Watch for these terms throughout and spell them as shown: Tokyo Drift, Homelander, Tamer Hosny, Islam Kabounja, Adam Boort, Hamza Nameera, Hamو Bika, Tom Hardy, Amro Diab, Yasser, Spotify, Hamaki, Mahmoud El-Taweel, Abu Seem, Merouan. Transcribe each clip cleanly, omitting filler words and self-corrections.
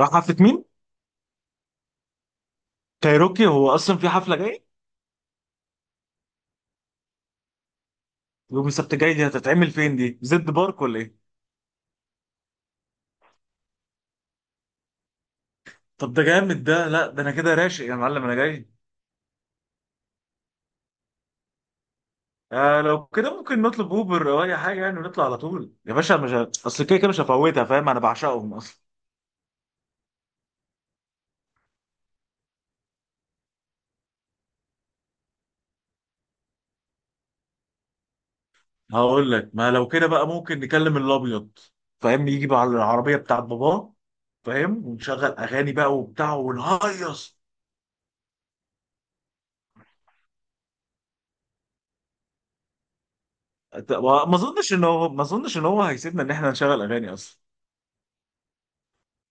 راح حفلة مين؟ كايروكي هو أصلا في حفلة جاية؟ يوم السبت الجاي دي هتتعمل فين دي؟ زد بارك ولا إيه؟ طب ده جامد ده، لا ده أنا كده راشق يا معلم، أنا جاي. آه، لو كده ممكن نطلب أوبر أو أي حاجة يعني ونطلع على طول يا باشا، مش أصل كده كده مش هفوتها، فاهم؟ أنا بعشقهم أصلا. هقول لك، ما لو كده بقى ممكن نكلم الأبيض، فاهم؟ يجي بقى على العربية بتاعت باباه، فاهم؟ ونشغل أغاني بقى وبتاع ونهيص. ما أظنش إن هو هيسيبنا إن إحنا نشغل أغاني أصلا.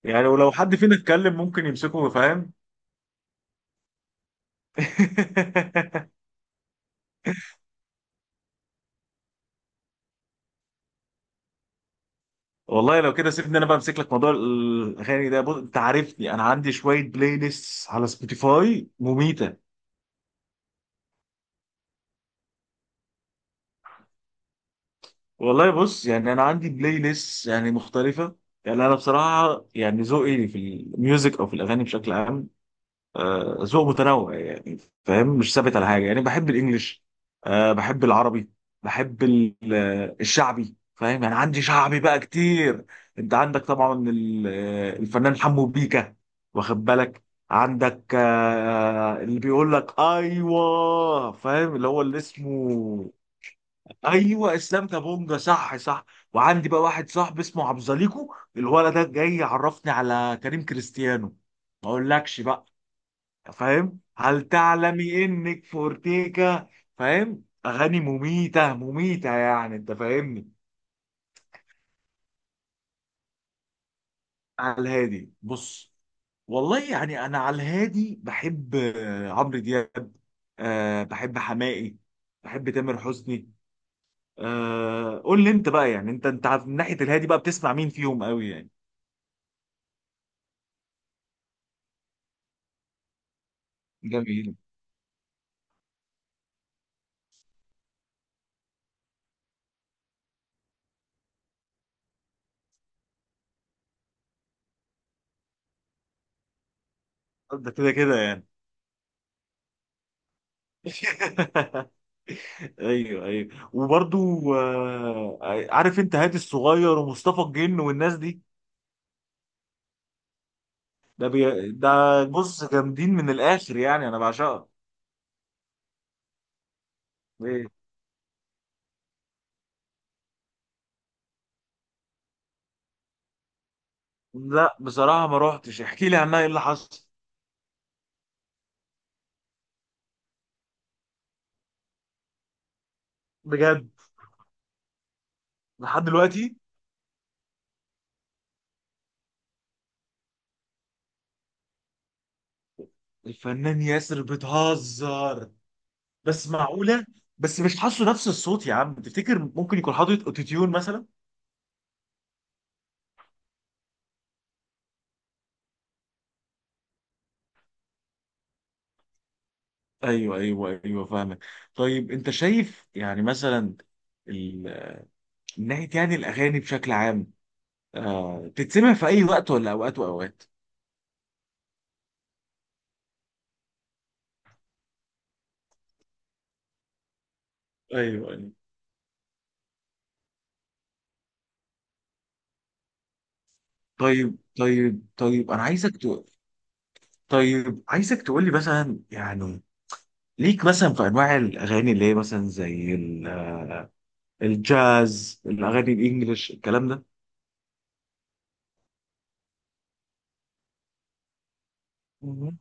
يعني ولو حد فينا اتكلم ممكن يمسكه، فاهم؟ والله لو كده سيبني انا بقى امسك لك موضوع الاغاني ده. بص انت عارفني، انا عندي شويه بلاي ليست على سبوتيفاي مميته. والله بص، يعني انا عندي بلاي ليست يعني مختلفه. يعني انا بصراحه يعني ذوقي في الميوزك او في الاغاني بشكل عام، ذوق متنوع يعني، فاهم؟ مش ثابت على حاجه يعني. بحب الانجليش، بحب العربي، بحب الشعبي، فاهم؟ يعني عندي شعبي بقى كتير. انت عندك طبعا الفنان حمو بيكا، واخد بالك؟ عندك اللي بيقول لك ايوه، فاهم؟ اللي هو اللي اسمه... ايوه، اسلام كابونجا، صح صح. وعندي بقى واحد صاحبي اسمه عبد زليكو، الولد ده جاي يعرفني على كريم كريستيانو، ما اقولكش بقى، فاهم؟ هل تعلمي انك فورتيكا، فاهم؟ اغاني مميته مميته يعني، انت فاهمني. على الهادي بص، والله يعني انا على الهادي بحب عمرو دياب، بحب حماقي، بحب تامر حسني. قول لي انت بقى، يعني انت عارف من ناحيه الهادي بقى بتسمع مين فيهم قوي يعني؟ جميل. ده كده كده يعني. ايوه ايوه وبرضو آه، عارف انت هادي الصغير ومصطفى الجن والناس دي؟ ده. بص جامدين من الاخر يعني، انا بعشقها. ايه؟ لا بصراحه ما روحتش، احكي لي عنها، ايه اللي حصل؟ بجد؟ لحد دلوقتي؟ الفنان ياسر؟ بتهزر؟ بس معقوله؟ بس مش حاسه نفس الصوت يا عم، تفتكر ممكن يكون حاطط اوتوتيون مثلا؟ ايوه ايوه ايوه، فاهمك. طيب انت شايف يعني مثلا ال... من ناحيه يعني الاغاني بشكل عام تتسمع في اي وقت ولا اوقات واوقات؟ ايوه ايوه. طيب طيب طيب انا عايزك طيب عايزك تقول لي مثلا يعني، ليك مثلا في انواع الاغاني اللي هي مثلا زي الجاز، الاغاني الانجليش، الكلام ده؟ مهم.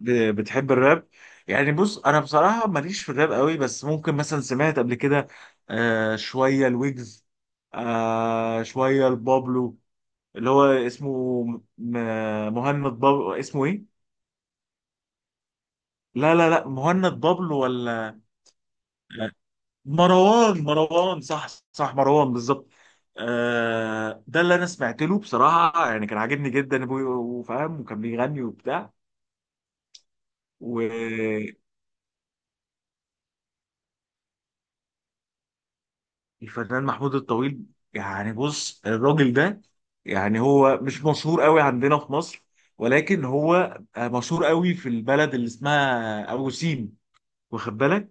بتحب الراب؟ يعني بص انا بصراحه ماليش في الراب قوي، بس ممكن مثلا سمعت قبل كده شويه الويجز، شويه البابلو، اللي هو اسمه مهند بابلو، اسمه ايه؟ لا لا لا، مهند بابلو ولا مروان؟ مروان، صح. صح، مروان بالظبط. ده اللي انا سمعت له بصراحه، يعني كان عاجبني جدا أبوي، وفاهم وكان بيغني وبتاع. والفنان محمود الطويل، يعني بص الراجل ده، يعني هو مش مشهور قوي عندنا في مصر، ولكن هو مشهور قوي في البلد اللي اسمها ابو سيم، واخد بالك؟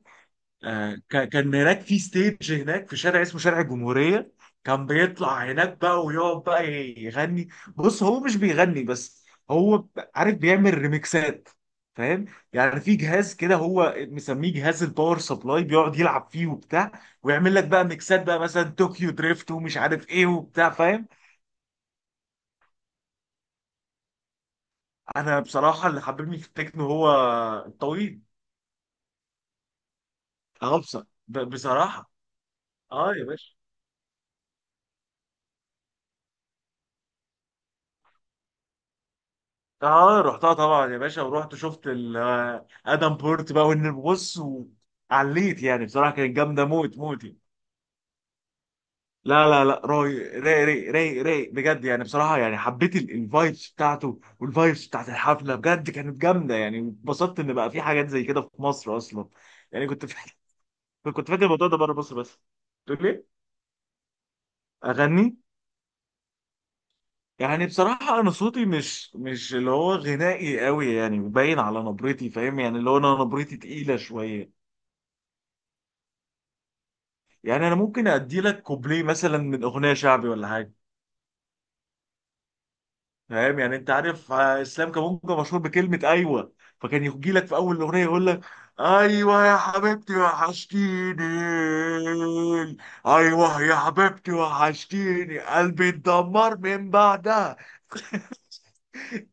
كان هناك في ستيج هناك في شارع اسمه شارع الجمهورية. كان بيطلع هناك بقى ويقعد بقى يغني. بص هو مش بيغني بس، هو عارف بيعمل ريميكسات، فاهم؟ يعني في جهاز كده هو مسميه جهاز الباور سبلاي، بيقعد يلعب فيه وبتاع ويعمل لك بقى ميكسات بقى، مثلا طوكيو دريفت ومش عارف ايه وبتاع، فاهم؟ انا بصراحة اللي حببني في التكنو هو الطويل. اه، بصراحة. اه يا باشا. اه رحتها طبعا يا باشا، ورحت شفت ادم بورت بقى، وان بص وعليت يعني بصراحه كانت جامده موت موتي. لا لا لا، رايق رايق رايق رايق رايق بجد، يعني بصراحه يعني حبيت الفايبس بتاعته والفايبس بتاعت الحفله، بجد كانت جامده يعني. اتبسطت ان بقى في حاجات زي كده في مصر اصلا. يعني كنت فاكر. كنت فاكر الموضوع ده بره مصر بس، تقول لي؟ اغني؟ يعني بصراحة أنا صوتي مش اللي هو غنائي قوي يعني، باين على نبرتي، فاهم؟ يعني اللي هو أنا نبرتي تقيلة شوية. يعني انا ممكن ادي لك كوبليه مثلا من اغنيه شعبي ولا حاجه. فاهم يعني انت عارف اسلام كابونجا مشهور بكلمه ايوه، فكان يجي لك في اول الاغنيه يقول لك: ايوه يا حبيبتي وحشتيني، ايوه يا حبيبتي وحشتيني قلبي اتدمر من بعدها.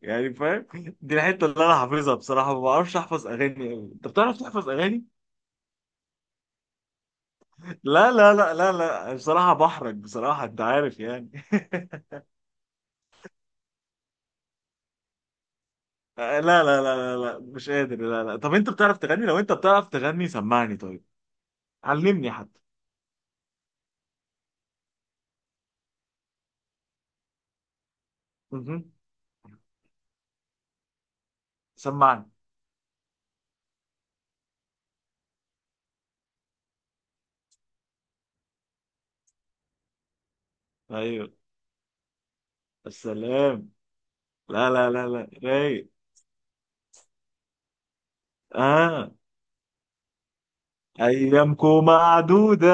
يعني فاهم؟ دي الحته اللي انا حافظها بصراحه، ما بعرفش احفظ اغاني قوي. انت بتعرف تحفظ اغاني؟ لا لا لا لا لا، بصراحه بحرج بصراحه، انت عارف يعني. لا لا لا لا لا مش قادر، لا لا. طب انت بتعرف تغني؟ لو انت بتعرف تغني سمعني طيب، علمني حتى. مهم. سمعني. ايوه، السلام. لا لا لا لا، رايق. اه، ايامكم معدودة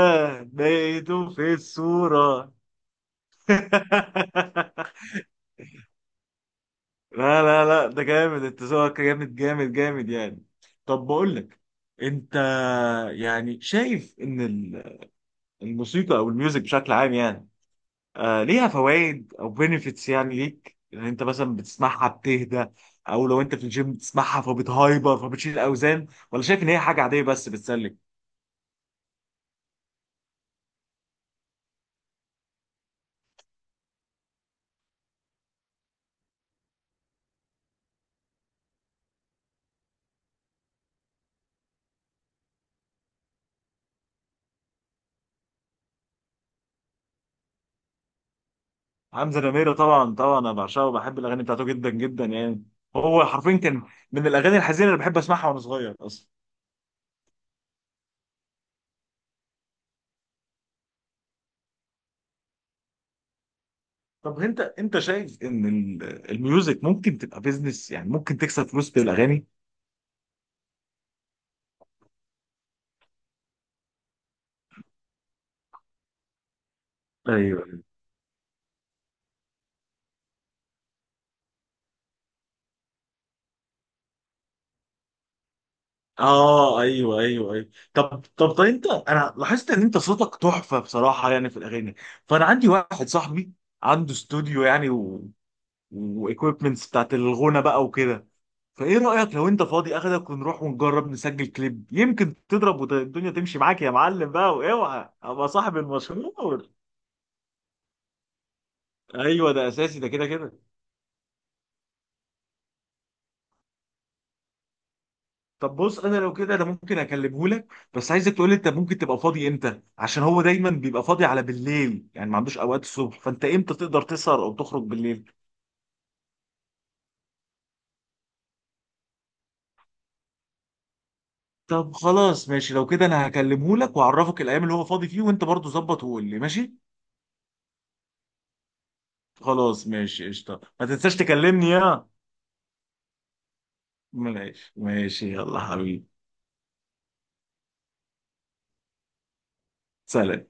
بقيتوا في الصورة. لا لا لا، ده جامد، انت ذوقك جامد جامد جامد يعني. طب بقول لك، انت يعني شايف ان الموسيقى او الميوزك بشكل عام يعني ليها فوائد او بينيفيتس يعني ليك، ان انت مثلا بتسمعها بتهدى، او لو انت في الجيم بتسمعها فبتهايبر فبتشيل اوزان، ولا شايف ان هي حاجه عاديه بس بتسلك؟ حمزة نميرة طبعا طبعا، انا بعشقه وبحب الاغاني بتاعته جدا جدا يعني. هو حرفيا كان من الاغاني الحزينه اللي بحب اسمعها وانا صغير اصلا. طب انت شايف ان الميوزك ممكن تبقى بيزنس، يعني ممكن تكسب فلوس بالاغاني؟ ايوه. اه ايوه ايوه ايوه. طب طب طب انت، انا لاحظت ان انت صوتك تحفه بصراحه يعني في الاغاني، فانا عندي واحد صاحبي عنده استوديو يعني وايكويبمنتس بتاعت الغنى بقى وكده. فايه رايك لو انت فاضي اخدك ونروح ونجرب نسجل كليب، يمكن تضرب والدنيا تمشي معاك يا معلم بقى، واوعى ابقى صاحب المشروع. ايوه ده اساسي، ده كده كده. طب بص انا، لو كده انا ممكن اكلمه لك، بس عايزك تقول لي انت ممكن تبقى فاضي امتى، عشان هو دايما بيبقى فاضي على بالليل يعني، ما عندوش اوقات الصبح. فانت امتى تقدر تسهر او تخرج بالليل؟ طب خلاص ماشي، لو كده انا هكلمه لك واعرفك الايام اللي هو فاضي فيه، وانت برضو ظبط وقول لي. ماشي؟ خلاص ماشي قشطه، ما تنساش تكلمني يا... ماشي ماشي يلا حبيبي. سلام.